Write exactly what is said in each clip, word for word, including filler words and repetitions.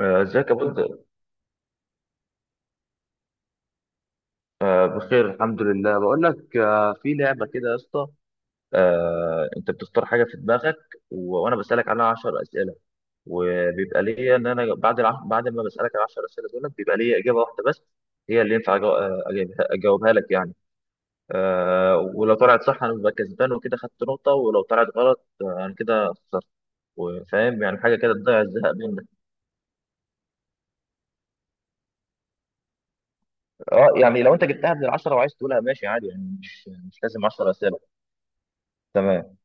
آه، ازيك يا بود؟ آه، بخير الحمد لله. بقول لك، آه، في لعبه كده يا اسطى. آه، انت بتختار حاجه في دماغك، و- وانا بسالك عنها عشر اسئلة اسئله، وبيبقى ليا ان انا بعد الع... بعد ما بسالك ال عشر اسئلة اسئله دول بيبقى ليا اجابه واحده بس، هي اللي ينفع أجاو- آه، أجيبها- اجاوبها لك يعني. آه، ولو طلعت صح انا ببقى كسبان وكده خدت نقطه، ولو طلعت غلط آه، انا كده خسرت. وفاهم يعني، حاجه كده تضيع الزهق منك. اه يعني لو انت جبتها من العشرة وعايز تقولها ماشي عادي يعني، مش مش لازم عشرة اسئلة اسئله. تمام.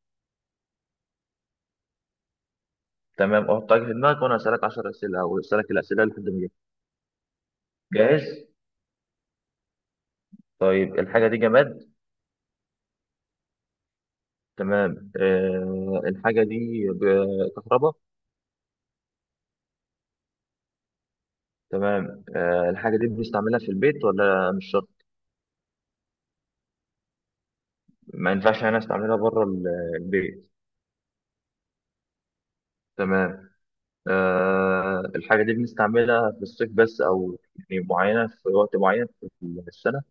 تمام، احط حاجه في دماغك وانا اسالك عشرة اسئلة اسئله او اسالك الاسئله اللي في دماغك. جاهز؟ طيب، الحاجه دي جماد؟ تمام. آه الحاجه دي كهرباء؟ تمام. آه الحاجه دي بنستعملها في البيت ولا مش شرط؟ ما ينفعش انا استعملها بره البيت؟ تمام. آه الحاجه دي بنستعملها في الصيف بس او يعني معينه في وقت معين في السنه؟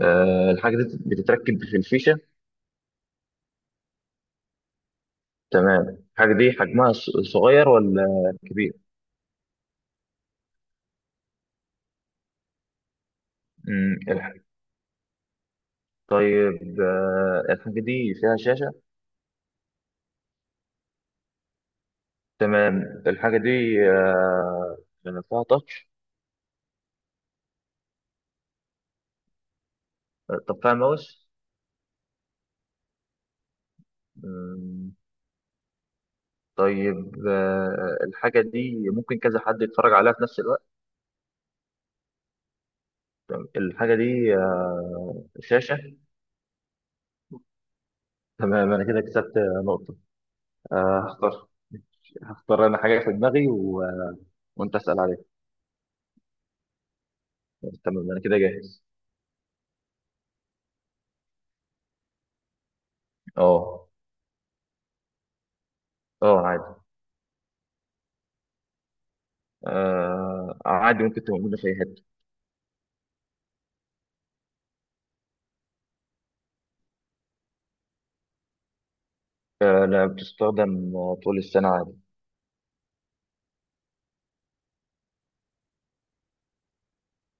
آه الحاجه دي بتتركب في الفيشه؟ تمام. الحاجه دي حجمها ص- صغير ولا كبير؟ مم، الح- طيب، آه، الحاجة دي فيها شاشة؟ تمام. الحاجة دي، آه، يعني فيها تاتش؟ طب فيها ماوس؟ مم، طيب، آه، الحاجة دي ممكن كذا حد يتفرج عليها في نفس الوقت؟ تمام. الحاجة دي آه، شاشة. تمام، أنا كده كسبت نقطة. آه، هختار هختار أنا حاجة في دماغي و... آه، وأنت أسأل عليها. تمام، أنا كده جاهز. أه. أه، عادي. آه، عادي، ممكن تبقى موجودة في أي حتة. آه، لا، بتستخدم طول السنة عادي.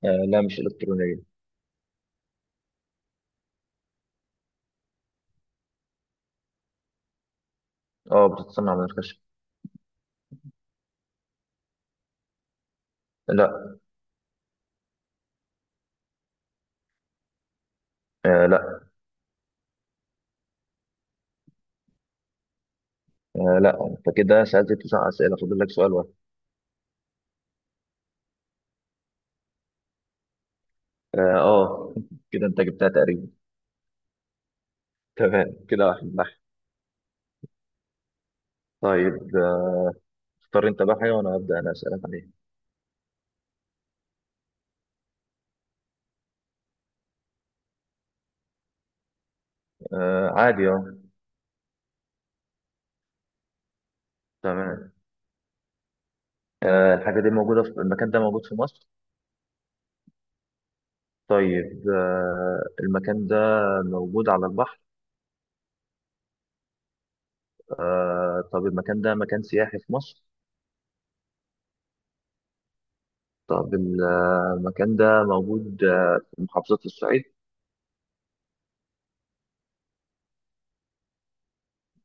آه لا، مش إلكترونية. اه، بتتصنع من الخشب. لا. آه لا. آه لا، انت كده سألت تسع أسئلة، فاضل لك سؤال واحد. اه، آه. كده انت جبتها تقريبا. تمام، كده واحد واحد. طيب، آه، اختار انت بقى حاجة وانا هبدأ انا أسألك عليها. آه، عادي اه. تمام. آه الحاجة دي موجودة في المكان ده، موجود في مصر؟ طيب، آه المكان ده موجود على البحر؟ آه طب المكان ده مكان سياحي في مصر؟ طب ال- آه، المكان ده موجود آه، في محافظة الصعيد؟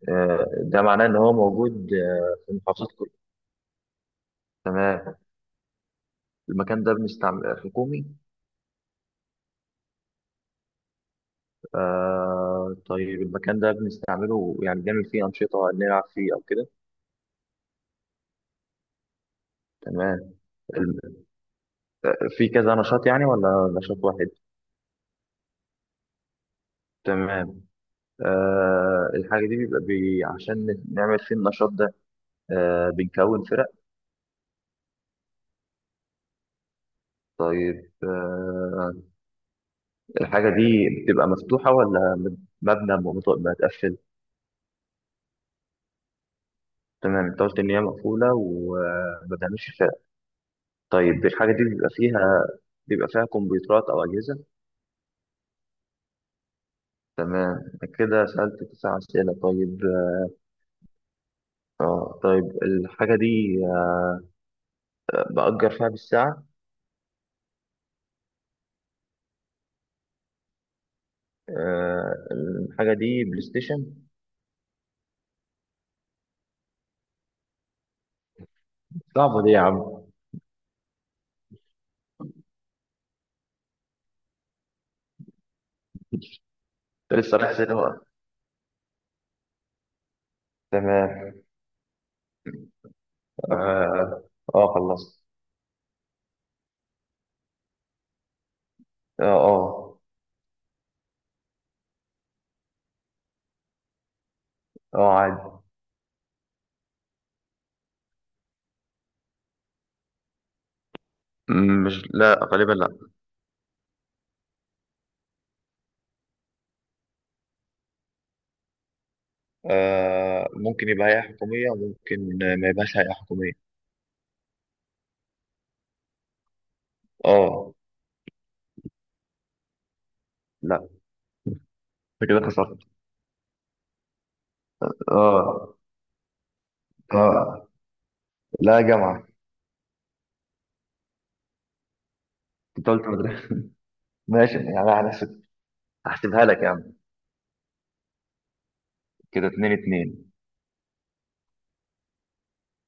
آه، ده معناه ان هو موجود آه، في المحافظات كلها. تمام. المكان ده بنستعمل حكومي؟ آه طيب، المكان ده بنستعمله يعني بنعمل فيه انشطه نلعب فيه او كده؟ تمام. الم- آه، في كذا نشاط يعني ولا نشاط واحد؟ تمام. آه الحاجه دي بيبقى بي عشان نعمل فيه النشاط ده؟ آه بنكون فرق؟ طيب، آه الحاجه دي بتبقى مفتوحه ولا مبنى مت- متقفل؟ تمام، انت قلت ان هي مقفوله وما بنعملش. طيب، الحاجة دي بيبقى فيها بيبقى فيها كمبيوترات أو أجهزة؟ تمام، كده سألت تسع أسئلة. طيب، آه طيب، الحاجة دي آه، بأجر فيها بالساعة؟ آه الحاجة دي بلاي ستيشن؟ صعبة دي يا عم. أنت لسه رايح سنة بقى. تمام. آه آه آه، خلصت. آه، آه. آه، عادي. م- مش، لا غالبا لا. آه ممكن يبقى هيئة حكومية وممكن ما يبقاش هيئة حكومية. آه، لا. أنت كده خسرت. آه. آه، لا يا جماعة. انت قلت مدرسة. ماشي، يعني على حسب. هحسبها لك يا عم. كده اتنين اتنين.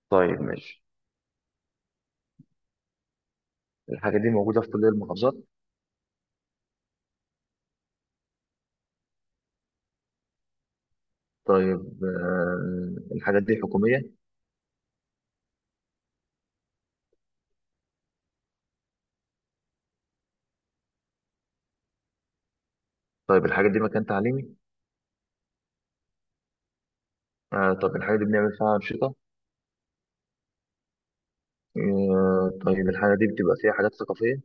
طيب، ماشي. الحاجة دي موجودة في كل المحافظات؟ طيب، آه الحاجات دي حكومية؟ طيب، الحاجة دي مكان تعليمي؟ آه طب الحاجة دي بنعمل فيها أنشطة؟ آه طيب، الحاجة دي بتبقى فيها حاجات ثقافية؟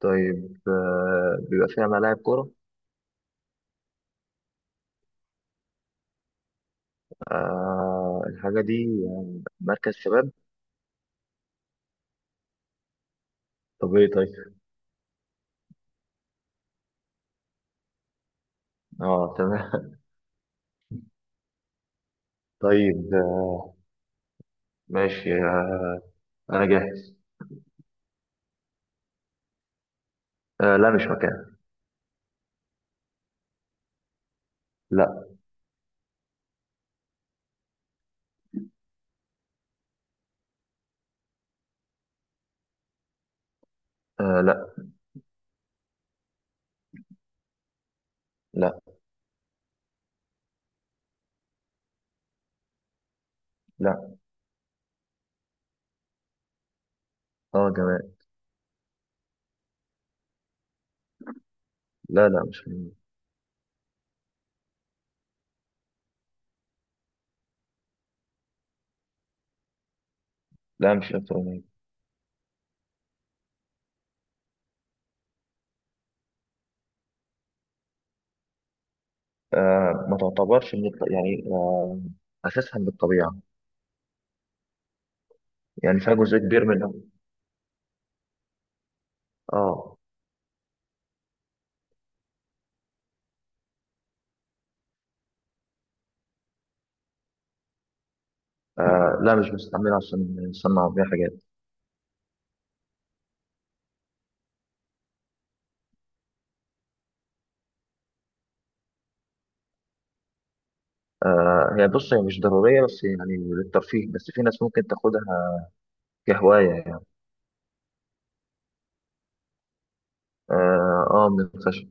طيب، آه بيبقى فيها ملاعب كورة؟ آه الحاجة دي مركز شباب؟ طب ايه طيب. اه، تمام. طيب، آه، ماشي. آه، انا جاهز. آه، لا مش مكان. لا. آه، لا. لا. لا. اه، تمام. لا، لا، مش فنية. لا، مش إلكترونية. آه ما تعتبرش من الط- يعني، آه أساسها من الطبيعة. يعني فيها جزء كبير منها. آه. آه لا، مش بنستعملها عشان نصنع بيها حاجات. آه هي بص، هي مش ضرورية، بس يعني للترفيه، بس في ناس ممكن تاخدها كهواية يعني. آه، آه، من الخشب.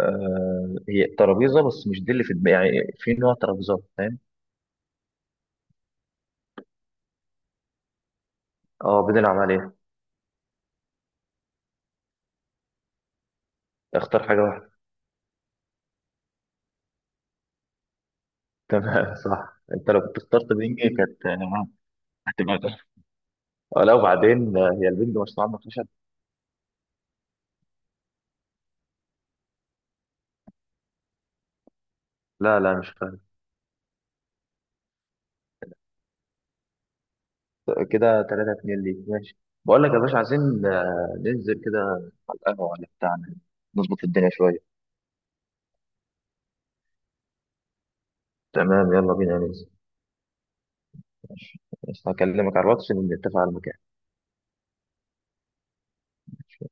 آه هي ترابيزة، بس مش دي اللي في دماغي، يعني في نوع ترابيزات فاهم. آه بنلعب عليها. اختار حاجة واحدة. تمام، صح. انت لو كنت اخترت بنج كانت آه، هتبقى. آه، لا، وبعدين آه، هي البنج مصنوعة من الخشب؟ لا، لا، مش فاهم. كده ثلاثة اتنين ليك ماشي. بقول لك يا باشا، عايزين آه، ننزل كده على القهوة ولا بتاعنا، نظبط الدنيا شوية. تمام، يلا بينا ننزل. ماشي. بس هكلمك على الواتس نتفق على المكان. ماشي.